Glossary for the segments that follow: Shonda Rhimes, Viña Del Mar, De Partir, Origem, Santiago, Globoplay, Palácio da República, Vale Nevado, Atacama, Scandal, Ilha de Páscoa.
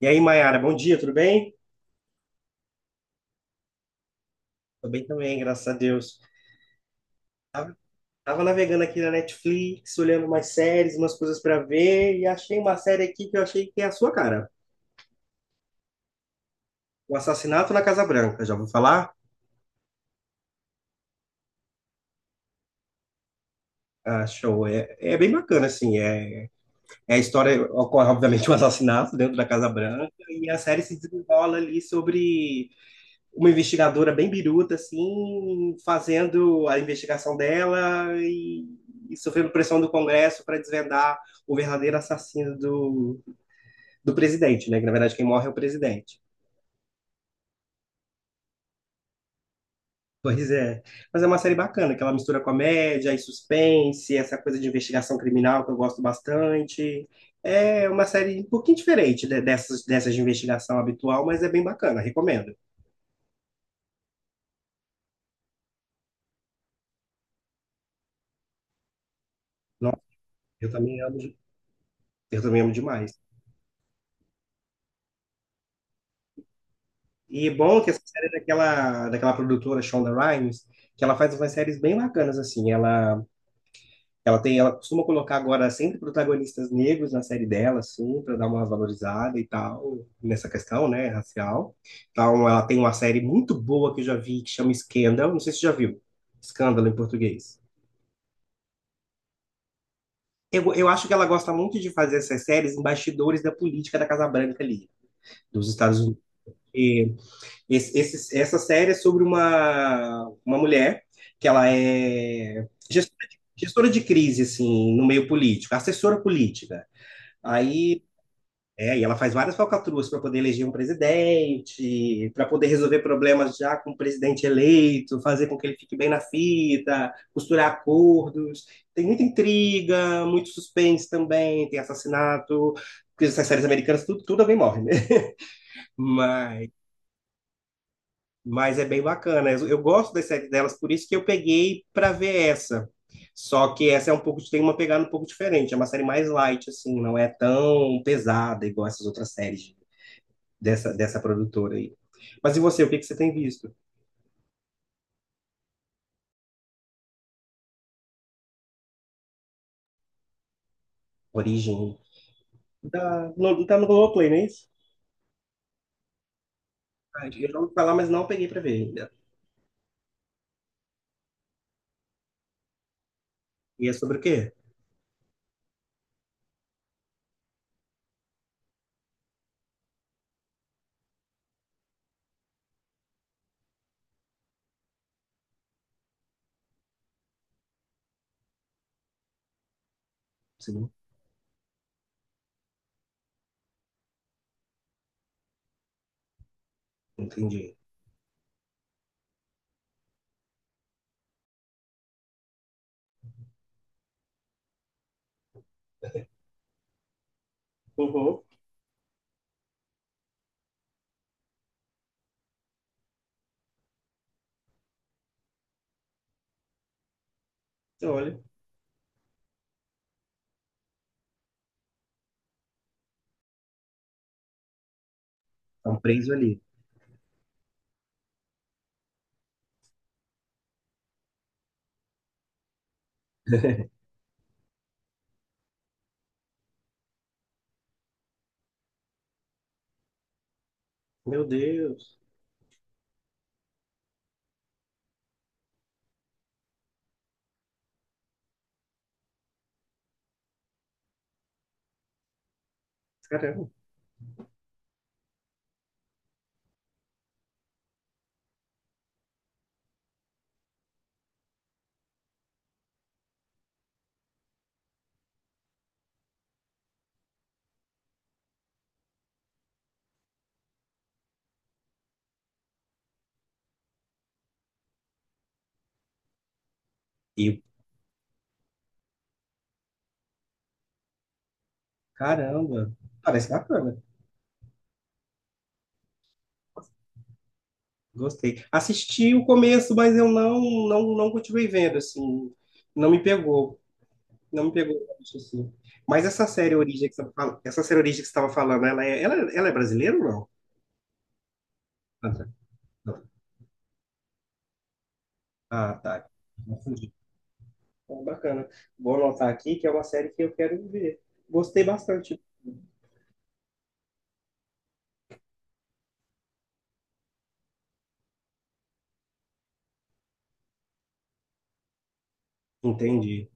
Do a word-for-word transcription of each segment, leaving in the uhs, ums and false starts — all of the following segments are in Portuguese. E aí, Mayara, bom dia, tudo bem? Tô bem também, graças a Deus. Tava, tava navegando aqui na Netflix, olhando umas séries, umas coisas para ver, e achei uma série aqui que eu achei que é a sua cara. O Assassinato na Casa Branca, já vou falar? Ah, show. É, é bem bacana, assim. É, é a história, ocorre obviamente um assassinato dentro da Casa Branca, e a série se desenrola ali sobre uma investigadora bem biruta, assim, fazendo a investigação dela e, e sofrendo pressão do Congresso para desvendar o verdadeiro assassino do, do presidente, né? Que na verdade quem morre é o presidente. Pois é. Mas é uma série bacana, que ela mistura comédia e suspense, essa coisa de investigação criminal que eu gosto bastante. É uma série um pouquinho diferente de- dessas, dessas de investigação habitual, mas é bem bacana, recomendo. Nossa, eu também amo, eu também amo demais. E bom que essa série é daquela, daquela produtora Shonda Rhimes, que ela faz umas séries bem bacanas, assim. Ela, ela tem, ela costuma colocar agora sempre protagonistas negros na série dela, assim, para dar uma valorizada e tal, nessa questão, né, racial. Então, ela tem uma série muito boa que eu já vi, que chama Scandal. Não sei se você já viu. Escândalo em português. Eu, eu acho que ela gosta muito de fazer essas séries em bastidores da política da Casa Branca ali, dos Estados Unidos. Esse, esse- essa série é sobre uma, uma mulher que ela é gestora de, gestora de crise, assim, no meio político, assessora política. Aí, é, e ela faz várias falcatruas para poder eleger um presidente, para poder resolver problemas já com o presidente eleito, fazer com que ele fique bem na fita, costurar acordos. Tem muita intriga, muito suspense também, tem assassinato, porque essas séries americanas tudo, tudo alguém morre, né? Mas Mas é bem bacana. Eu, eu gosto das séries delas, por isso que eu peguei para ver essa. Só que essa é um pouco, tem uma pegada um pouco diferente. É uma série mais light, assim, não é tão pesada igual essas outras séries dessa, dessa produtora aí. Mas e você, o que que você tem visto? Origem. Tá no, tá no Globoplay, não é isso? Ah, eu já ouvi falar, mas não peguei para ver ainda. E é sobre o quê? Sim, entendi. Uhum. Olha, estão presos ali. Meu Deus. Caramba. E, Caramba. Parece bacana. Gostei. Assisti o começo, mas eu não, não, não continuei vendo, assim. Não me pegou. Não me pegou, tanto, assim. Mas essa série Origem que você tava fal- essa série Origem que você estava falando, ela é, ela, ela é brasileira ou não? André? Não. Ah, tá. Confundi. Então, bacana. Vou anotar aqui que é uma série que eu quero ver. Gostei bastante. Entendi.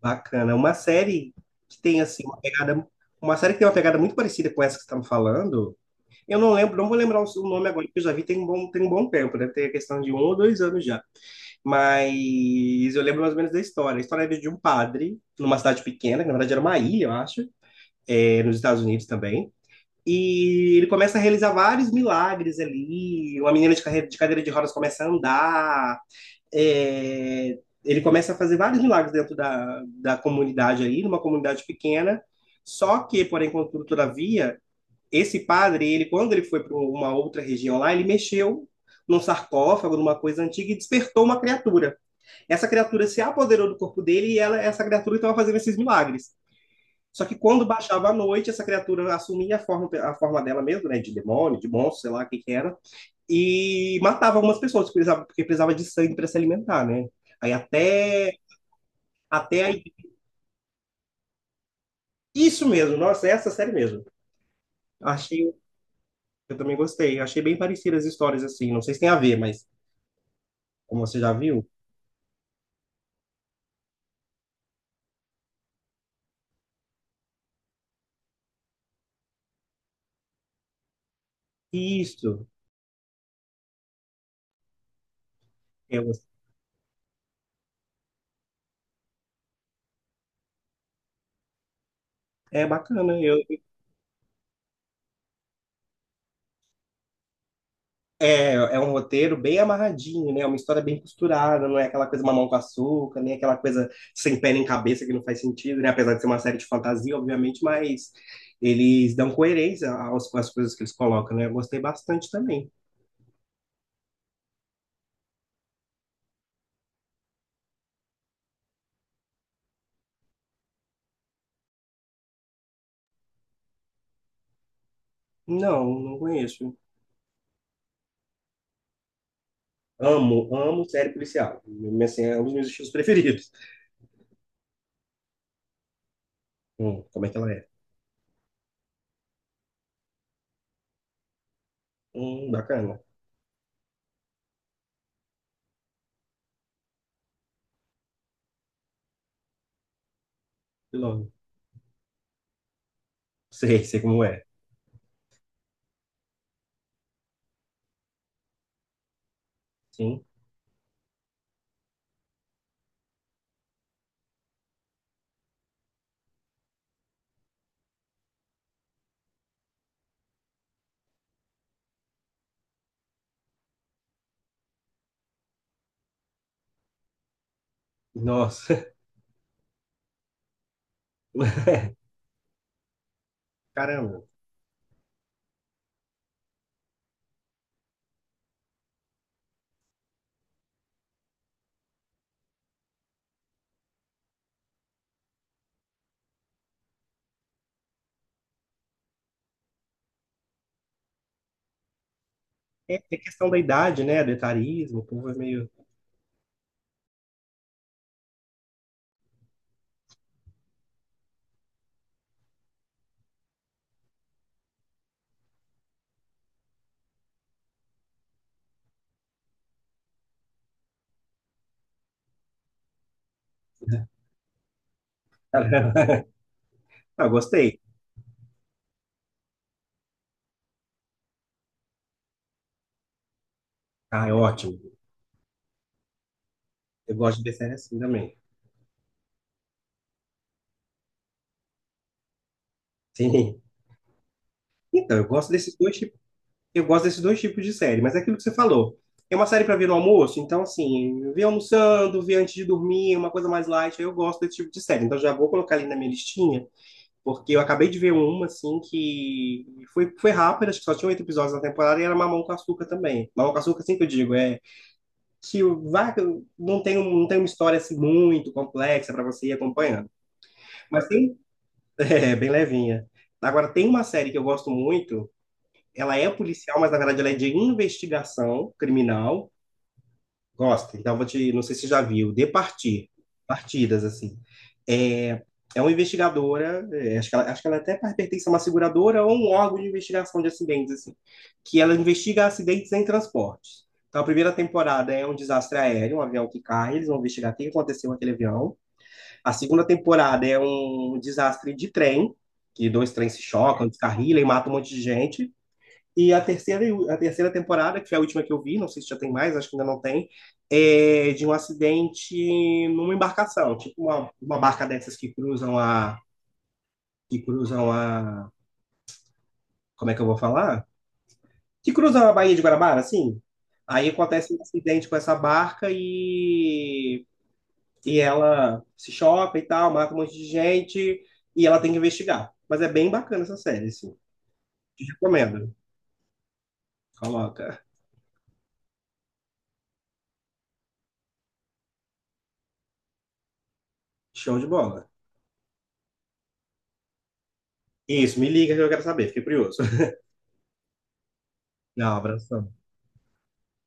Bacana. Uma série que tem, assim, uma pegada... Uma série que tem uma pegada muito parecida com essa que você está me falando. Eu não lembro, não vou lembrar o o nome agora, porque eu já vi tem um bom, tem um bom tempo, deve ter questão de um ou dois anos já. Mas eu lembro mais ou menos da história. A história era de um padre, numa cidade pequena, que na verdade era uma ilha, eu acho, é, nos Estados Unidos também. E ele começa a realizar vários milagres ali. Uma menina de, carreira, de cadeira de rodas começa a andar. é, ele começa a fazer vários milagres dentro da, da comunidade ali, numa comunidade pequena. Só que, porém, contudo, todavia, esse padre, ele quando ele foi para uma outra região lá, ele mexeu num sarcófago, numa coisa antiga, e despertou uma criatura. Essa criatura se apoderou do corpo dele e ela, essa criatura estava fazendo esses milagres. Só que quando baixava a noite, essa criatura assumia a forma, a forma dela mesmo, né? De demônio, de monstro, sei lá o que, que era. E matava algumas pessoas, porque precisava, porque precisava de sangue para se alimentar, né? Aí até, até aí. Isso mesmo, nossa, essa série mesmo. Achei, eu também gostei. Achei bem parecidas as histórias, assim. Não sei se tem a ver, mas. Como você já viu? Isso. Eu- é bacana. Eu, é, é um roteiro bem amarradinho, né? É uma história bem costurada, não é aquela coisa mamão com açúcar, nem aquela coisa sem pé nem cabeça que não faz sentido, né? Apesar de ser uma série de fantasia, obviamente, mas eles dão coerência aos- às coisas que eles colocam, né? Eu gostei bastante também. Não, não conheço. Amo, amo série policial. Assim, é um dos meus estilos preferidos. Hum, como é que ela é? Hum, bacana. Que louco. Sei, sei como é. Sim. Nossa, caramba. É, tem questão da idade, né? Do etarismo, o povo é meio. Ah, gostei. Ah, é ótimo. Eu gosto de ver série assim também. Sim. Então, eu gosto desses dois tipos, eu gosto desses dois tipos de série, mas é aquilo que você falou. É uma série para ver no almoço, então assim, ver almoçando, ver antes de dormir, uma coisa mais light, eu gosto desse tipo de série. Então já vou colocar ali na minha listinha, porque eu acabei de ver uma assim que foi, foi rápida, acho que só tinha oito episódios na temporada e era Mamão com Açúcar também. Mamão com Açúcar, assim que eu digo, é que o Vaca não tem, um- não tem uma história assim muito complexa para você ir acompanhando. Mas tem, é, bem levinha. Agora, tem uma série que eu gosto muito, ela é policial, mas na verdade ela é de investigação criminal. Gosta? Então, vou te, não sei se você já viu, De Partir, Partidas, assim. É, é uma investigadora, é, acho que ela, acho que ela até pertence a uma seguradora ou um órgão de investigação de acidentes, assim, que ela investiga acidentes em transportes. Então, a primeira temporada é um desastre aéreo, um avião que cai, eles vão investigar o que aconteceu com aquele avião. A segunda temporada é um desastre de trem, que dois trens se chocam, descarrilam e matam um monte de gente. E a terceira, a terceira temporada, que é a última que eu vi, não sei se já tem mais, acho que ainda não tem, é de um acidente numa embarcação, tipo uma, uma barca dessas que cruzam a. que cruzam a. Como é que eu vou falar? Que cruzam a Baía de Guarabara, assim. Aí acontece um acidente com essa barca e, e ela se choca e tal, mata um monte de gente e ela tem que investigar. Mas é bem bacana essa série, assim. Te recomendo. Coloca. Show de bola. Isso, me liga que eu quero saber, fiquei curioso. Não, abração.